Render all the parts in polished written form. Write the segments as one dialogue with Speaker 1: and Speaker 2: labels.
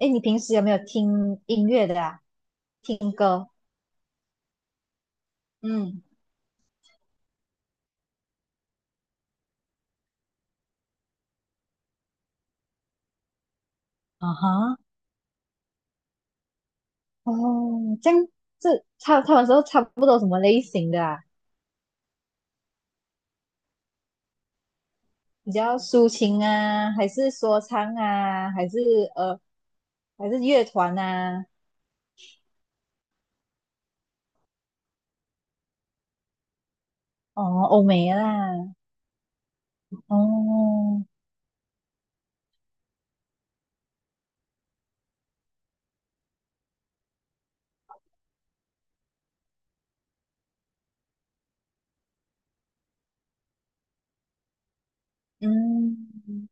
Speaker 1: 哎，你平时有没有听音乐的啊？听歌？嗯。啊哈。哦，这样。他们都差不多什么类型的啊？比较抒情啊，还是说唱啊，呃，还是乐团啊？哦，欧美啦。哦。嗯。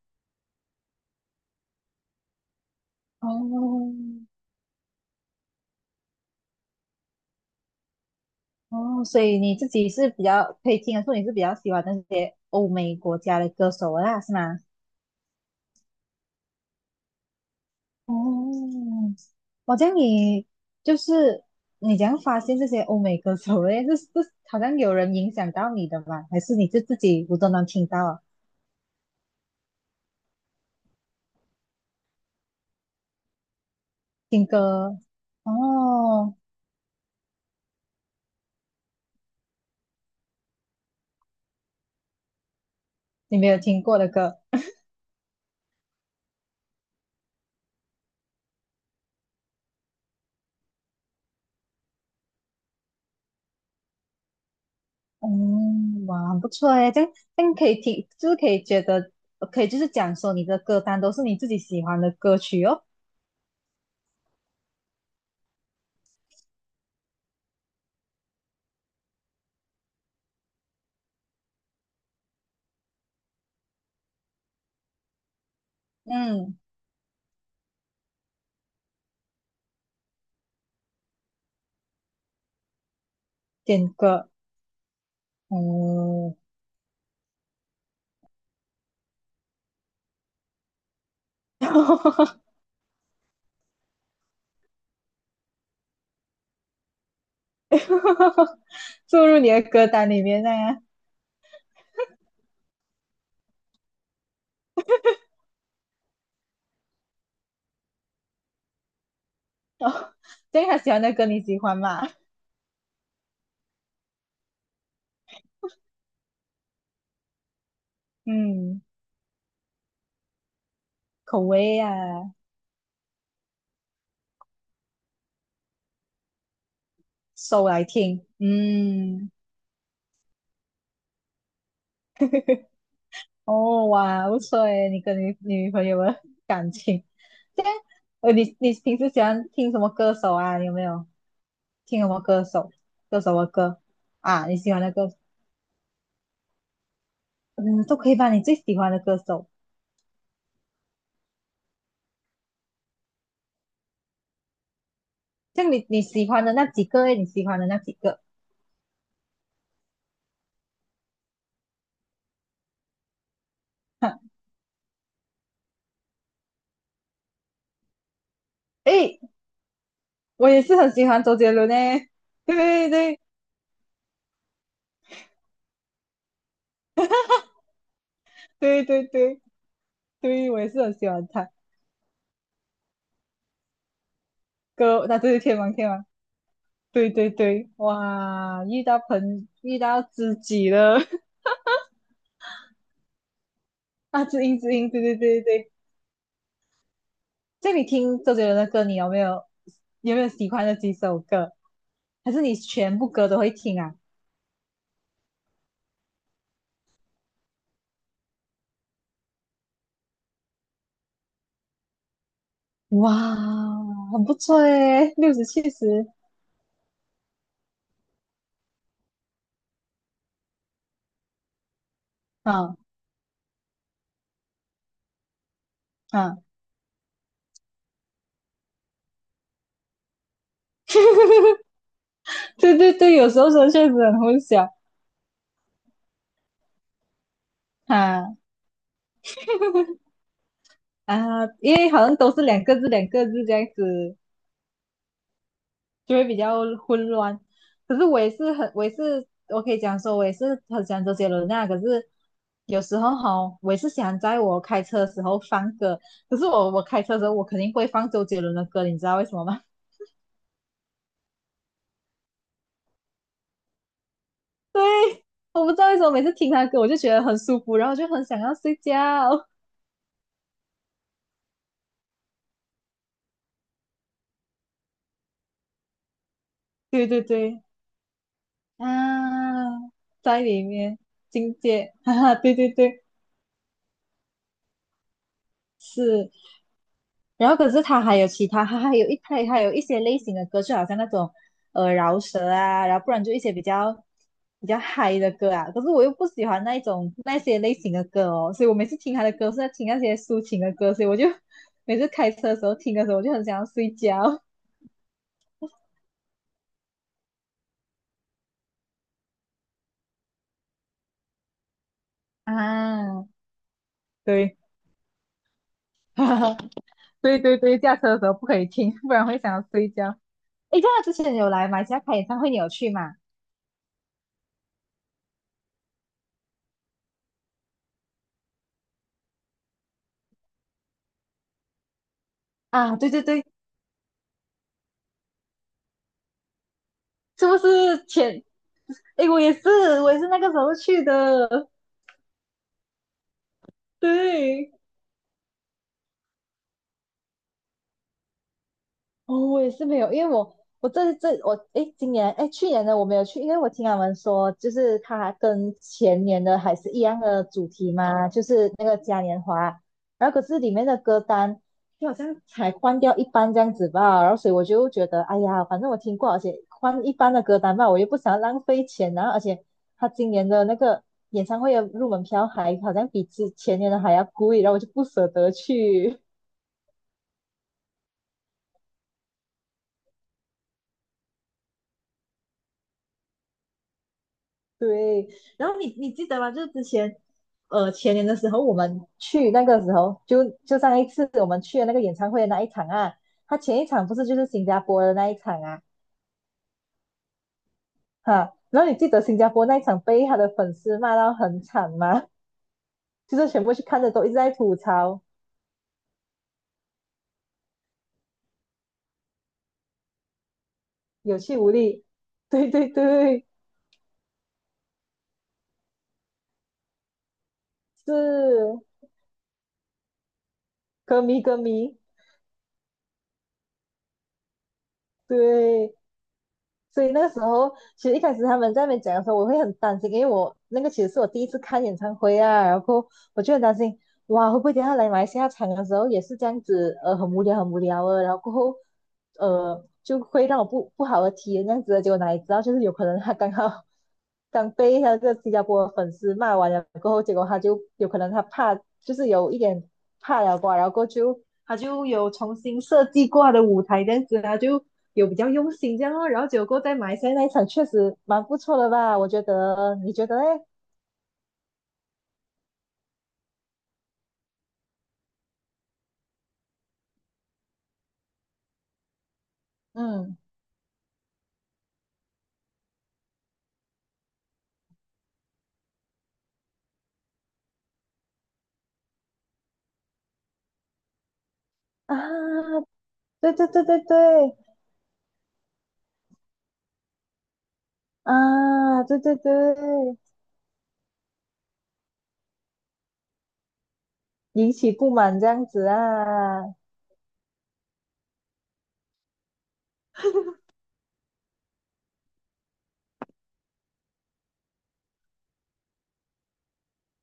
Speaker 1: 哦。哦，所以你自己是比较可以听得出你是比较喜欢那些欧美国家的歌手啦，是吗？哦，我这样你就是你怎样发现这些欧美歌手嘞？是是，好像有人影响到你的吧？还是你就自己无都能听到啊？听歌。哦，你没有听过的歌。嗯，哇，很不错诶。这样可以听，就是可以觉得可以就是讲说你的歌单都是你自己喜欢的歌曲哦。嗯。点歌。嗯。注入你的歌单里面那样。对他喜欢的歌你喜欢吗？嗯，口味啊。收来听。嗯。哦哇，不错诶，你跟你女朋友的感情。这样。你平时喜欢听什么歌手啊？你有没有听什么歌手？歌手的歌啊。你喜欢的歌。嗯，都可以吧。你最喜欢的歌手，像你喜欢的那几个诶，你喜欢的那几个。诶，我也是很喜欢周杰伦诶。对对对对对对，我也是很喜欢他。歌，那对天王天王。对对对，哇，遇到知己了。啊，知音知音，对对对对对。这样你听周杰伦的歌，你有没有喜欢的几首歌？还是你全部歌都会听啊？哇，很不错诶，60、70。啊啊，对对对，有时候说确实很混淆啊。 啊，因为好像都是两个字两个字这样子就会比较混乱。可是我也是很，我也是，我可以讲说，我也是很喜欢周杰伦啊。可是有时候哈，我也是想在我开车的时候放歌。可是我开车的时候，我肯定不会放周杰伦的歌，你知道为什么吗？对，我不知道为什么每次听他的歌，我就觉得很舒服，然后就很想要睡觉。对对对，啊，在里面境界。哈哈，对对对，是。然后可是他还有其他，他还有一它还有一些类型的歌，就好像那种饶舌啊，然后不然就一些比较嗨的歌啊。可是我又不喜欢那一种那些类型的歌哦，所以我每次听他的歌是在听那些抒情的歌，所以我就每次开车的时候听的时候，我就很想要睡觉。啊，对。对对对，驾车的时候不可以听，不然会想要睡觉。诶，这样之前有来马来西亚开演唱会，你有去吗？啊，对对对。是不是前哎，我也是，我也是那个时候去的。对。哦，我也是没有，因为我我这这我诶，今年诶，去年的我没有去，因为我听他们说，就是它跟前年的还是一样的主题嘛，就是那个嘉年华，然后可是里面的歌单就好像才换掉一半这样子吧，然后所以我就觉得，哎呀，反正我听过，而且换一半的歌单吧，我又不想要浪费钱，然后而且他今年的那个演唱会的入门票还好像比之前年的还要贵，然后我就不舍得去。对，然后你记得吗？就是之前，前年的时候，我们去那个时候，就上一次我们去的那个演唱会的那一场啊，他前一场不是就是新加坡的那一场啊，哈，然后你记得新加坡那一场被他的粉丝骂到很惨吗？就是全部去看的都一直在吐槽，有气无力。对对对，是歌迷歌迷。对，所以那个时候，其实一开始他们在那边讲的时候，我会很担心，因为我那个其实是我第一次看演唱会啊，然后我就很担心，哇，会不会等一下来马来西亚场的时候也是这样子，很无聊，很无聊啊，然后过后，就会让我不好的体验这样子的，结果哪里知道就是有可能他刚好刚被他这个新加坡的粉丝骂完了过后，结果他就有可能他怕，就是有一点怕了吧，然后过后就他就有重新设计过他的舞台这样子，他就。有比较用心这样哦。然后结果在马来西亚那一场确实蛮不错的吧？我觉得，你觉得嘞？嗯，啊，对对对对对，啊，对对对，引起不满这样子啊。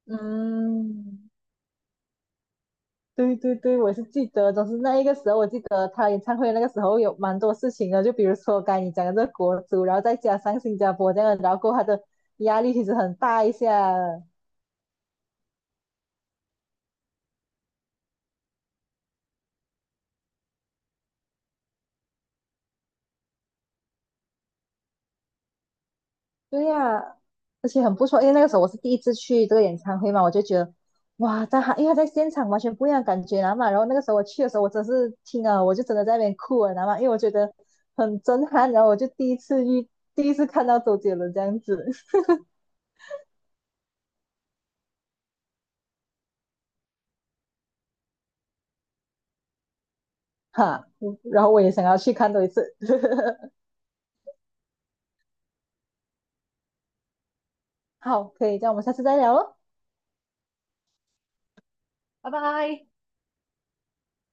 Speaker 1: 嗯，对对对，我是记得，总是那一个时候，我记得他演唱会那个时候有蛮多事情的，就比如说刚才你讲的这个国足，然后再加上新加坡这样的然后过后他的压力其实很大一下。对呀、而且很不错，因为那个时候我是第一次去这个演唱会嘛，我就觉得哇，因为他在现场完全不一样的感觉，你知道吗然后那个时候我去的时候，我真是听啊，我就真的在那边哭了，你知道吗因为我觉得很震撼，然后我就第一次看到周杰伦这样子。哈，然后我也想要去看多一次。好，可以，这样我们下次再聊喽，拜拜。